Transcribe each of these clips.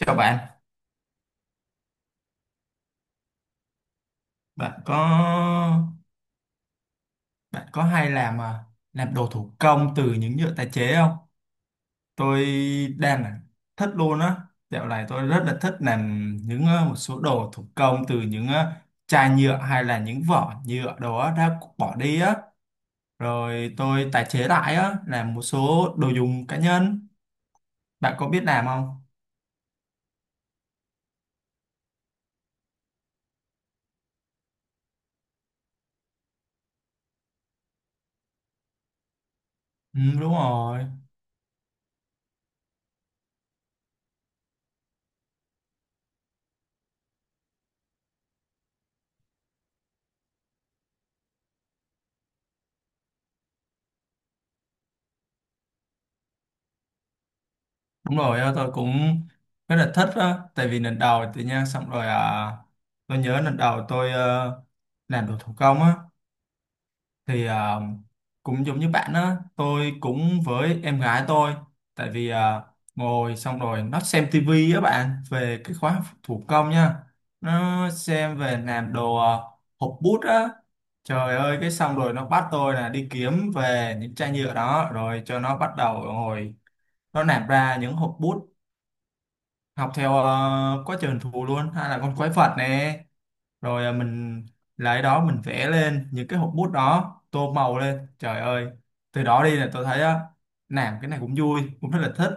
Chào bạn, bạn có bạn có hay làm à, làm đồ thủ công từ những nhựa tái chế không? Tôi đang là thích luôn á. Dạo này tôi rất là thích làm những một số đồ thủ công từ những chai nhựa hay là những vỏ nhựa đồ á, đã bỏ đi á. Rồi tôi tái chế lại á, làm một số đồ dùng cá nhân. Bạn có biết làm không? Ừ, đúng rồi. Đúng rồi, á, tôi cũng rất là thích á, tại vì lần đầu tự nhiên xong rồi à, tôi nhớ lần đầu tôi làm đồ thủ công á, thì à, cũng giống như bạn á, tôi cũng với em gái tôi, tại vì à, ngồi xong rồi nó xem tivi á bạn, về cái khóa học thủ công nha, nó xem về làm đồ à, hộp bút á, trời ơi cái xong rồi nó bắt tôi là đi kiếm về những chai nhựa đó, rồi cho nó bắt đầu ngồi nó làm ra những hộp bút học theo quá trời hình thù luôn hay là con quái vật nè rồi mình lấy đó mình vẽ lên những cái hộp bút đó tô màu lên, trời ơi từ đó đi là tôi thấy á làm cái này cũng vui, cũng rất là thích.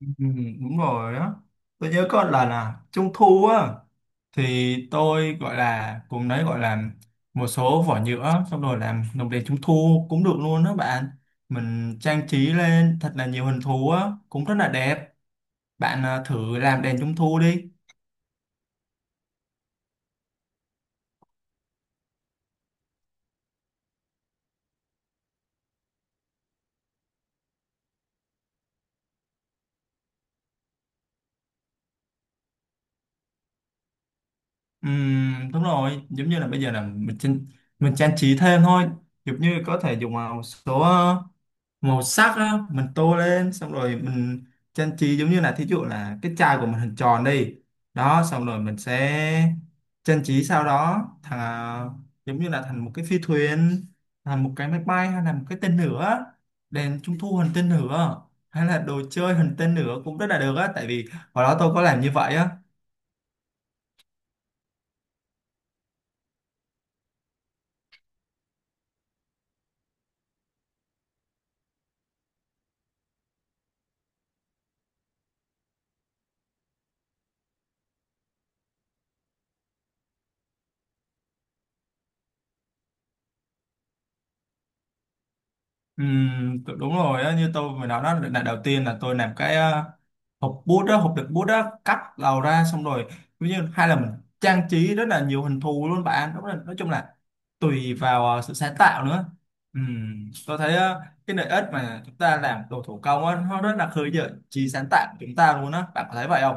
Ừ, đúng rồi đó, tôi nhớ có lần là trung thu á thì tôi gọi là cùng đấy gọi là một số vỏ nhựa xong rồi làm lồng đèn trung thu cũng được luôn đó bạn, mình trang trí lên thật là nhiều hình thú á cũng rất là đẹp. Bạn à, thử làm đèn trung thu đi. Đúng rồi, giống như là bây giờ là mình trang trí thêm thôi, giống như có thể dùng vào một số màu sắc á, mình tô lên xong rồi mình trang trí, giống như là thí dụ là cái chai của mình hình tròn đi, đó xong rồi mình sẽ trang trí sau đó thành giống như là thành một cái phi thuyền, thành một cái máy bay hay là một cái tên lửa, đèn trung thu hình tên lửa hay là đồ chơi hình tên lửa cũng rất là được á, tại vì hồi đó tôi có làm như vậy á. Đúng rồi á, như tôi mới nói đó, lần đầu tiên là tôi làm cái hộp bút đó, hộp đựng bút đó, cắt đầu ra xong rồi ví như hay là mình trang trí rất là nhiều hình thù luôn bạn, đúng là nói chung là tùy vào sự sáng tạo nữa. Tôi thấy cái lợi ích mà chúng ta làm đồ thủ công á, nó rất là khơi gợi trí sáng tạo của chúng ta luôn á, bạn có thấy vậy không?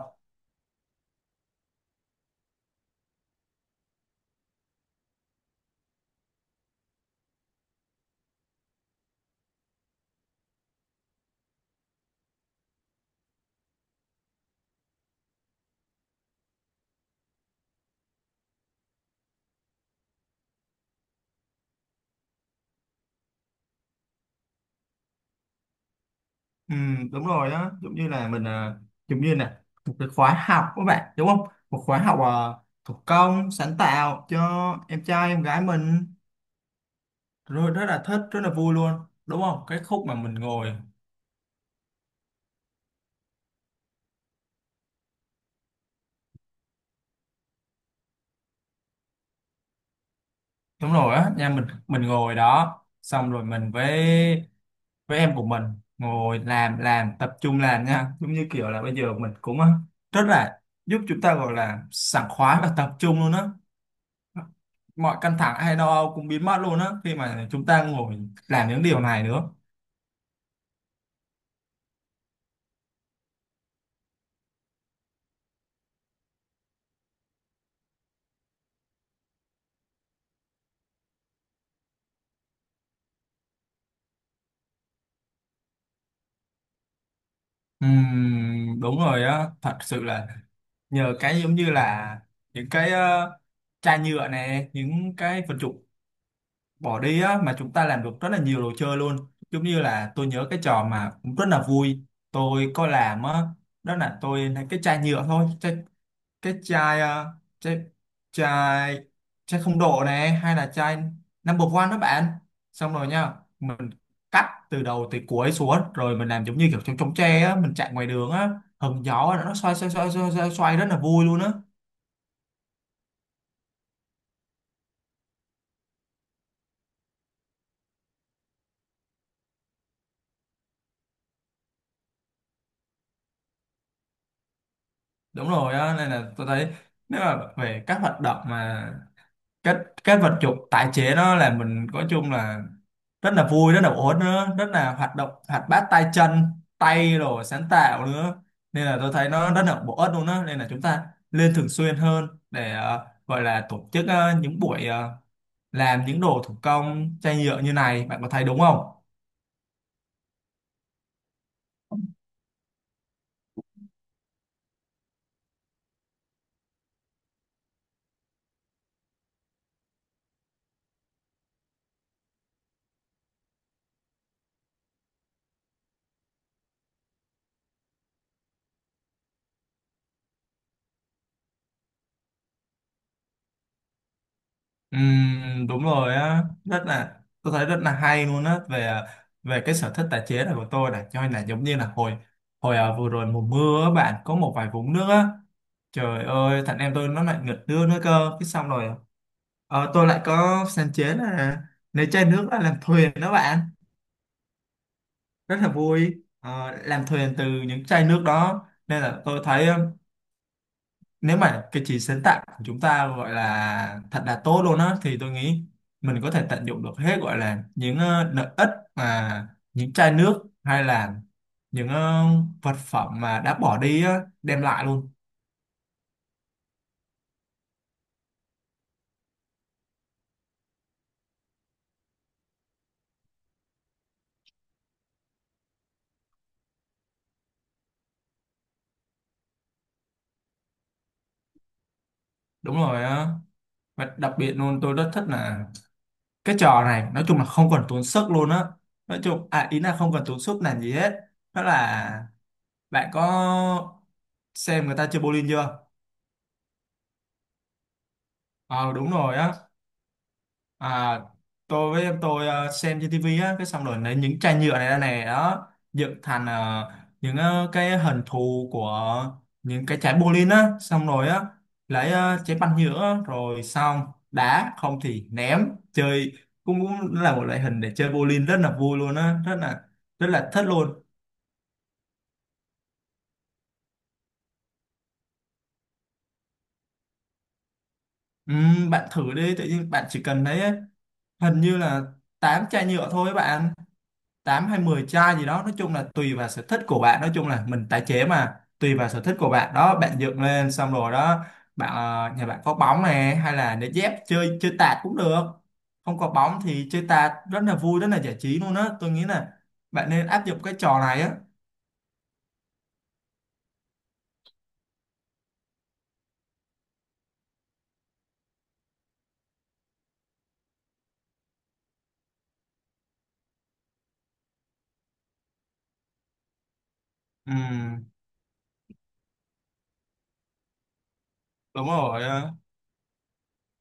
Ừ, đúng rồi đó, giống như là mình à, giống như là một cái khóa học các bạn đúng không, một khóa học à, thủ công sáng tạo cho em trai em gái mình, rồi rất là thích rất là vui luôn, đúng không, cái khúc mà mình ngồi, đúng rồi á nha, mình ngồi đó xong rồi mình với em của mình ngồi làm tập trung làm nha, giống như kiểu là bây giờ mình cũng à, rất là giúp chúng ta gọi là sảng khoái và tập trung luôn á, mọi căng thẳng hay lo âu cũng biến mất luôn á khi mà chúng ta ngồi làm những điều này nữa. Đúng rồi á, thật sự là nhờ cái giống như là những cái chai nhựa này, những cái vật dụng bỏ đi á mà chúng ta làm được rất là nhiều đồ chơi luôn, giống như là tôi nhớ cái trò mà cũng rất là vui, tôi có làm á, đó là tôi lấy cái chai nhựa thôi, cái chai à, chai chai chai không độ này hay là chai number one đó bạn, xong rồi nha, mình cắt từ đầu tới cuối xuống rồi mình làm giống như kiểu chống chống tre á, mình chạy ngoài đường á hứng gió, nó xoay xoay xoay xoay xoay, xoay rất là vui luôn á. Đúng rồi á nên là tôi thấy, nếu mà về các hoạt động mà cái cái vật dụng tái chế nó là mình, nói chung là rất là vui, rất là ổn nữa, rất là hoạt động hoạt bát tay chân, tay rồi sáng tạo nữa, nên là tôi thấy nó rất là bổ ích luôn đó, nên là chúng ta nên thường xuyên hơn để gọi là tổ chức những buổi làm những đồ thủ công chai nhựa như này, bạn có thấy đúng không? Đúng rồi á, rất là tôi thấy rất là hay luôn á về về cái sở thích tái chế này của tôi này, cho nên là giống như là hồi hồi vừa rồi mùa mưa á, bạn có một vài vũng nước á. Trời ơi, thằng em tôi nó lại nghịch nước nữa cơ. Cái xong rồi tôi lại có sáng chế là lấy chai nước ra làm thuyền đó bạn. Rất là vui. Ờ, làm thuyền từ những chai nước đó. Nên là tôi thấy nếu mà cái trí sáng tạo của chúng ta gọi là thật là tốt luôn á, thì tôi nghĩ mình có thể tận dụng được hết, gọi là những lợi ích mà những chai nước hay là những vật phẩm mà đã bỏ đi á, đem lại luôn. Đúng rồi á. Và đặc biệt luôn tôi rất thích là cái trò này, nói chung là không cần tốn sức luôn á, nói chung à ý là không cần tốn sức làm gì hết, đó là bạn có xem người ta chơi bowling chưa? Ờ đúng rồi á. À, tôi với em tôi xem trên tivi á, cái xong rồi lấy những chai nhựa này ra này đó, dựng thành những cái hình thù của những cái trái bowling á, xong rồi á lấy trái banh nhựa á, rồi xong đá không thì ném chơi, cũng là một loại hình để chơi bowling, rất là vui luôn á, rất là thích luôn. Bạn thử đi, tự nhiên bạn chỉ cần thấy hình như là 8 chai nhựa thôi bạn, 8 hay 10 chai gì đó, nói chung là tùy vào sở thích của bạn, nói chung là mình tái chế mà, tùy vào sở thích của bạn đó bạn, dựng lên xong rồi đó bạn, nhà bạn có bóng này hay là để dép chơi chơi tạt cũng được, không có bóng thì chơi tạt rất là vui, rất là giải trí luôn á, tôi nghĩ là bạn nên áp dụng cái trò này á. Ừ, đúng rồi á.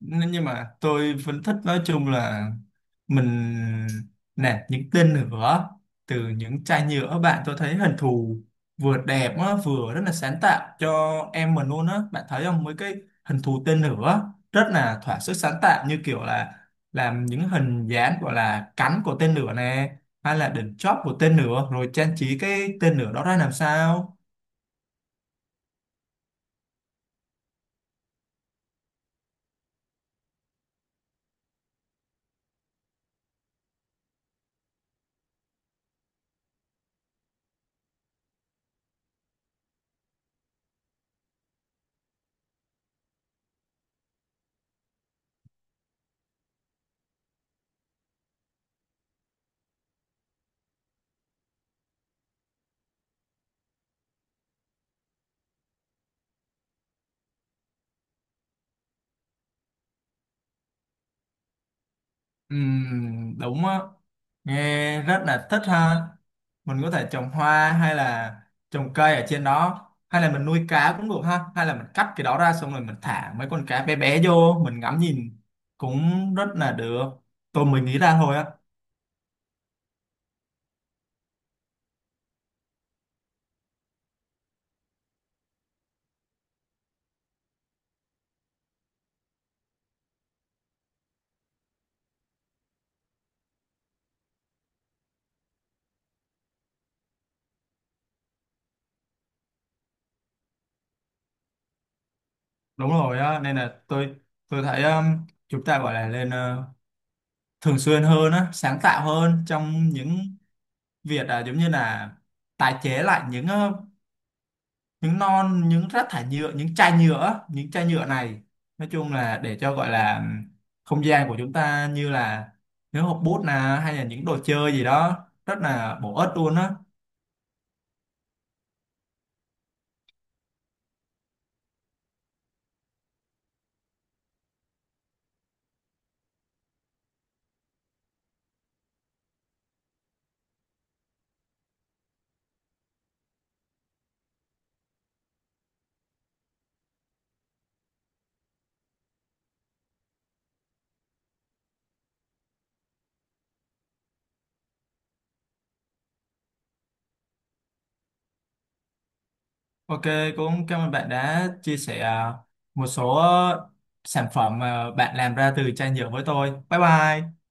Nhưng mà tôi vẫn thích, nói chung là mình nè những tên lửa từ những chai nhựa bạn, tôi thấy hình thù vừa đẹp á, vừa rất là sáng tạo cho em mình luôn á, bạn thấy không, mấy cái hình thù tên lửa rất là thỏa sức sáng tạo, như kiểu là làm những hình dáng gọi là cánh của tên lửa nè, hay là đỉnh chóp của tên lửa, rồi trang trí cái tên lửa đó ra làm sao. Đúng á, nghe rất là thích ha, mình có thể trồng hoa hay là trồng cây ở trên đó, hay là mình nuôi cá cũng được ha, hay là mình cắt cái đó ra xong rồi mình thả mấy con cá bé bé vô mình ngắm nhìn cũng rất là được, tôi mới nghĩ ra thôi á. Đúng rồi á nên là tôi thấy chúng ta gọi là lên thường xuyên hơn á, sáng tạo hơn trong những việc à, giống như là tái chế lại những những non, những rác thải nhựa, những chai nhựa này, nói chung là để cho gọi là không gian của chúng ta như là những hộp bút nè hay là những đồ chơi gì đó, rất là bổ ích luôn á. OK, cũng cảm ơn bạn đã chia sẻ à, một số sản phẩm mà bạn làm ra từ chai nhựa với tôi. Bye bye.